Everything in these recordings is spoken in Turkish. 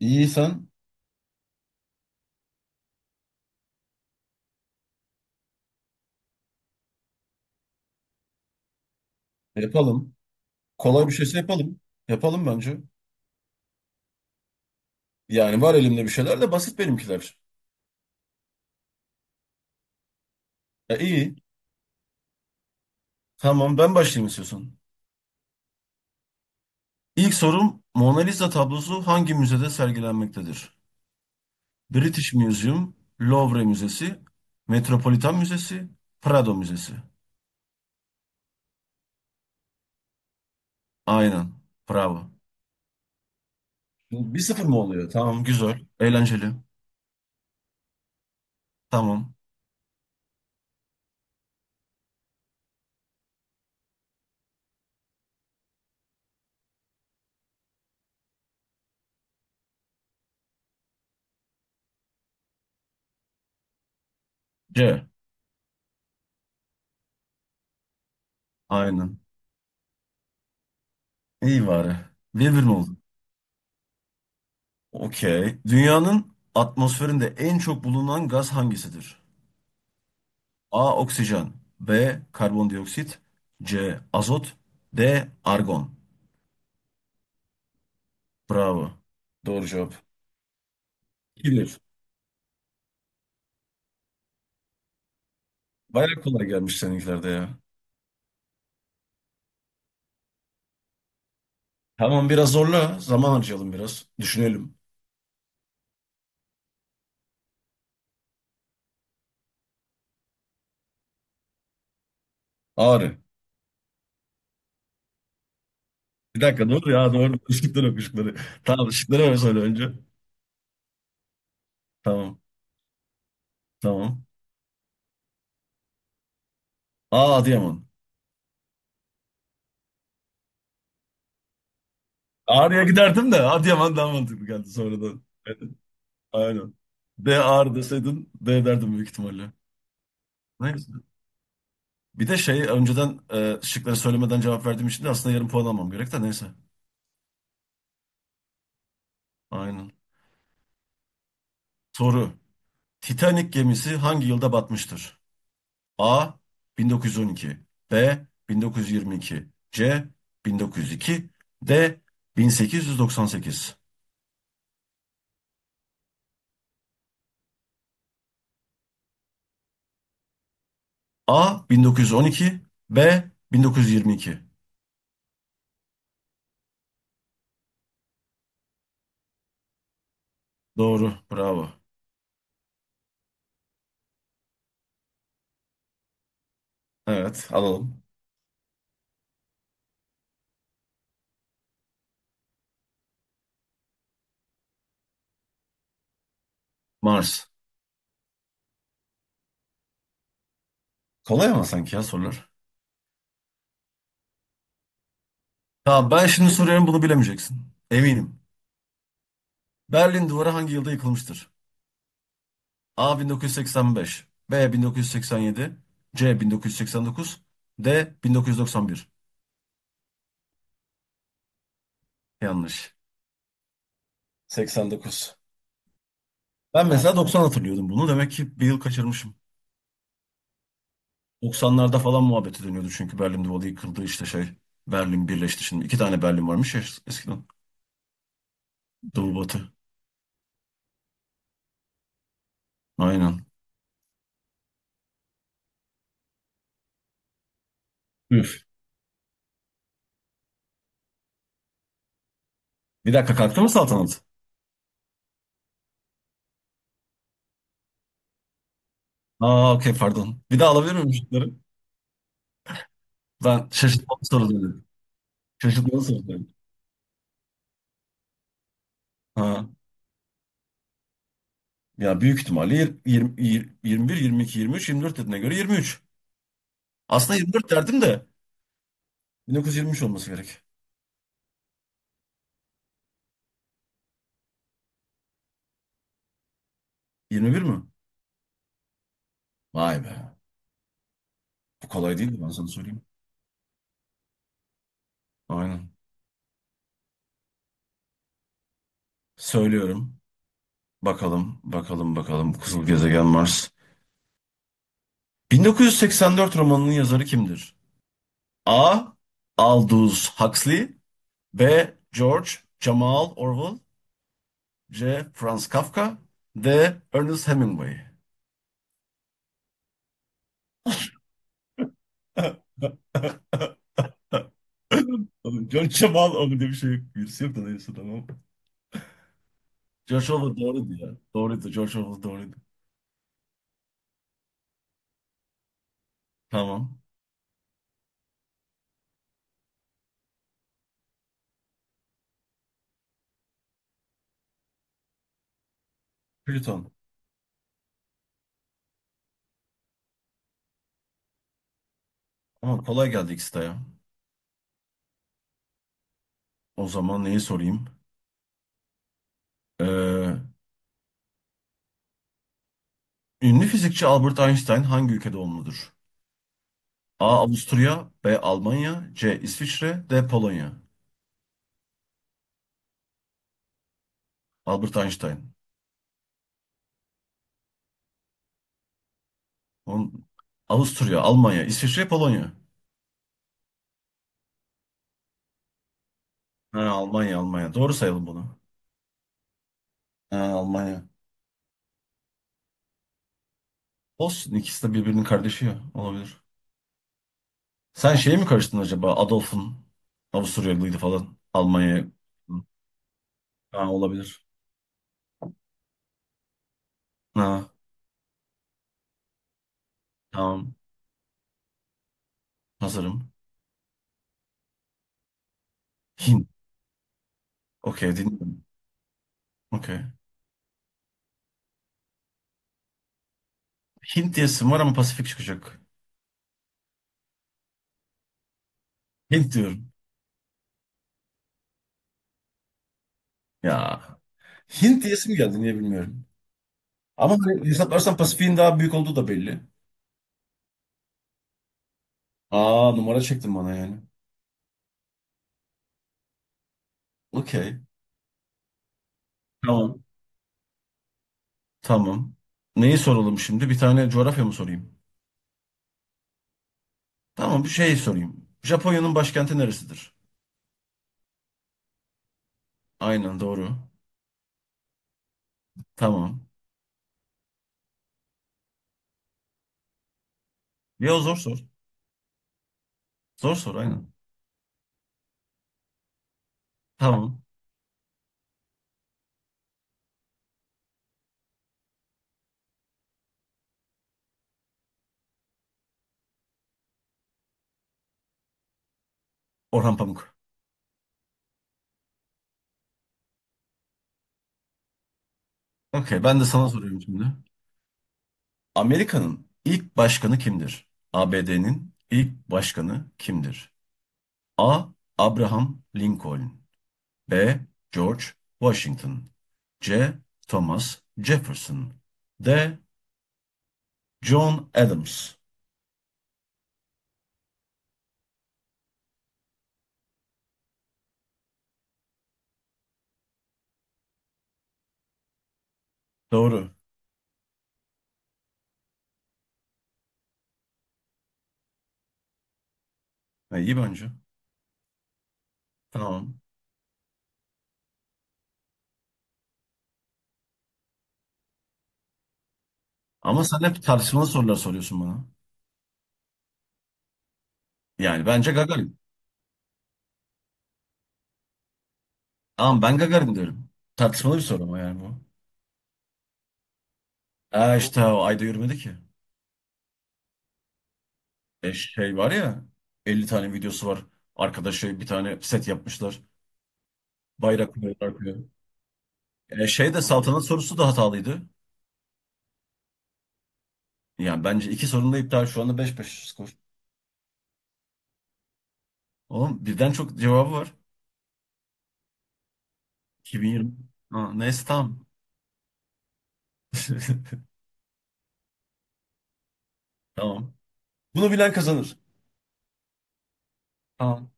İyiysen yapalım. Kolay bir şeyse yapalım. Yapalım bence. Yani var elimde bir şeyler de basit benimkiler. Ya iyi. Tamam ben başlayayım istiyorsan. İlk sorum Mona Lisa tablosu hangi müzede sergilenmektedir? British Museum, Louvre Müzesi, Metropolitan Müzesi, Prado Müzesi. Aynen. Bravo. Bir sıfır mı oluyor? Tamam, güzel. Eğlenceli. Tamam. C. Aynen. İyi bari. Bir bir mi oldu? Okey. Dünyanın atmosferinde en çok bulunan gaz hangisidir? A. Oksijen, B. Karbondioksit, C. Azot, D. Argon. Bravo. Doğru cevap. Bilir, bayağı Baya kolay gelmiş seninkilerde ya. Tamam, biraz zorla. Zaman harcayalım biraz. Düşünelim. Ağrı. Bir dakika, doğru ya, doğru. Işıkları yok ışıkları. Tamam, ışıkları öyle söyle önce. Tamam. Tamam. A. Adıyaman. Ağrı'ya giderdim de Adıyaman daha mantıklı geldi sonradan. Aynen. D ağır deseydin D derdim büyük ihtimalle. Neyse. Bir de şey önceden şıkları söylemeden cevap verdiğim için de aslında yarım puan almam gerek de neyse. Aynen. Soru. Titanic gemisi hangi yılda batmıştır? A. 1912, B. 1922, C. 1902, D. 1898. A. 1912, B. 1922. Doğru. Bravo. Evet. Alalım. Mars. Kolay ama sanki ya sorular. Tamam, ben şimdi soruyorum, bunu bilemeyeceksin. Eminim. Berlin Duvarı hangi yılda yıkılmıştır? A 1985, B 1987, C 1989, D 1991. Yanlış. 89. Ben mesela 90 hatırlıyordum bunu. Demek ki bir yıl kaçırmışım. 90'larda falan muhabbeti dönüyordu çünkü Berlin Duvarı yıkıldı işte şey. Berlin birleşti şimdi. İki tane Berlin varmış ya eskiden. Doğu batı. Aynen. Üf. Bir dakika, kalktı mı saltanat? Aa, okey, pardon. Bir daha alabilir miyim şunları? Ben şaşırtmalı soru. Çocuk nasıl? Ha. Ya büyük ihtimalle yirmi bir, yirmi iki, yirmi üç, yirmi dört dediğine göre 23. Aslında 24 derdim de 1923 olması gerek. 21 mi? Vay be. Bu kolay değildi, ben sana söyleyeyim. Aynen. Söylüyorum. Bakalım, bakalım, bakalım. Kızıl gezegen Mars. 1984 romanının yazarı kimdir? A. Aldous Huxley, B. George Jamal Orwell, C. Franz Kafka, D. Ernest Hemingway. Oğlum, George Jamal oğlum diye bir şey yok. Birisi yok da neyse, tamam. George Orwell doğruydu ya. Doğruydu. George Orwell doğruydu. Tamam. Plüton. Ama kolay geldi ikisi de ya. O zaman neyi sorayım? Ee, Ünlü fizikçi Albert Einstein hangi ülkede doğumludur? A. Avusturya, B. Almanya, C. İsviçre, D. Polonya. Albert Einstein. On... Avusturya, Almanya, İsviçre, Polonya. Ha, Almanya, Almanya. Doğru sayalım bunu. Ha, Almanya. Olsun, ikisi de birbirinin kardeşi ya. Olabilir. Sen şeye mi karıştın acaba? Adolf'un. Avusturyalıydı falan. Almanya'ya. Ha, olabilir. Ha, tamam. Hazırım. Hint. Okey, dinliyorum. Okey. Hint diyesim var ama Pasifik çıkacak. Hint diyorum. Ya. Hint diyesim geldi, niye bilmiyorum. Ama hani hesaplarsan Pasifik'in daha büyük olduğu da belli. Aa, numara çektin bana yani. Okey. Tamam. Tamam. Neyi soralım şimdi? Bir tane coğrafya mı sorayım? Tamam, bir şey sorayım. Japonya'nın başkenti neresidir? Aynen, doğru. Tamam. Ya zor sor. Zor sor, aynen. Tamam. Orhan Pamuk. Okey, ben de sana soruyorum şimdi. Amerika'nın ilk başkanı kimdir? ABD'nin ilk başkanı kimdir? A. Abraham Lincoln, B. George Washington, C. Thomas Jefferson, D. John Adams. Doğru. Ha, iyi bence. Tamam. Ama sen hep tartışmalı sorular soruyorsun bana. Yani bence Gagarin. Ama ben Gagarin diyorum. Tartışmalı bir soru ama yani bu. E işte o ayda yürümedi ki. E şey var ya, 50 tane videosu var. Arkadaşı bir tane set yapmışlar. Bayrak koyuyorlar koyuyor. E şey de saltanat sorusu da hatalıydı. Yani bence iki sorun da iptal. Şu anda beş beş skor. Oğlum birden çok cevabı var. 2020. Ha, neyse tamam. Tamam. Bunu bilen kazanır. Tamam.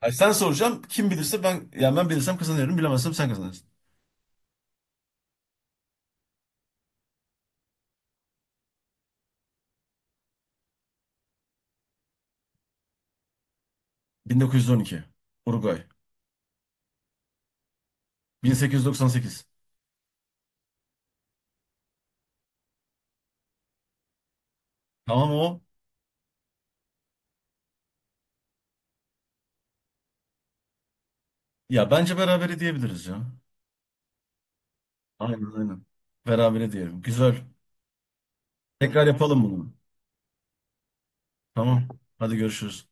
Ay, sen soracağım. Kim bilirse, ben yani ben bilirsem kazanıyorum. Bilemezsem sen kazanırsın. 1912. Uruguay. 1898. Tamam o. Ya bence berabere diyebiliriz ya. Aynen aynen. Berabere diyelim. Güzel. Tekrar yapalım bunu. Tamam. Hadi görüşürüz.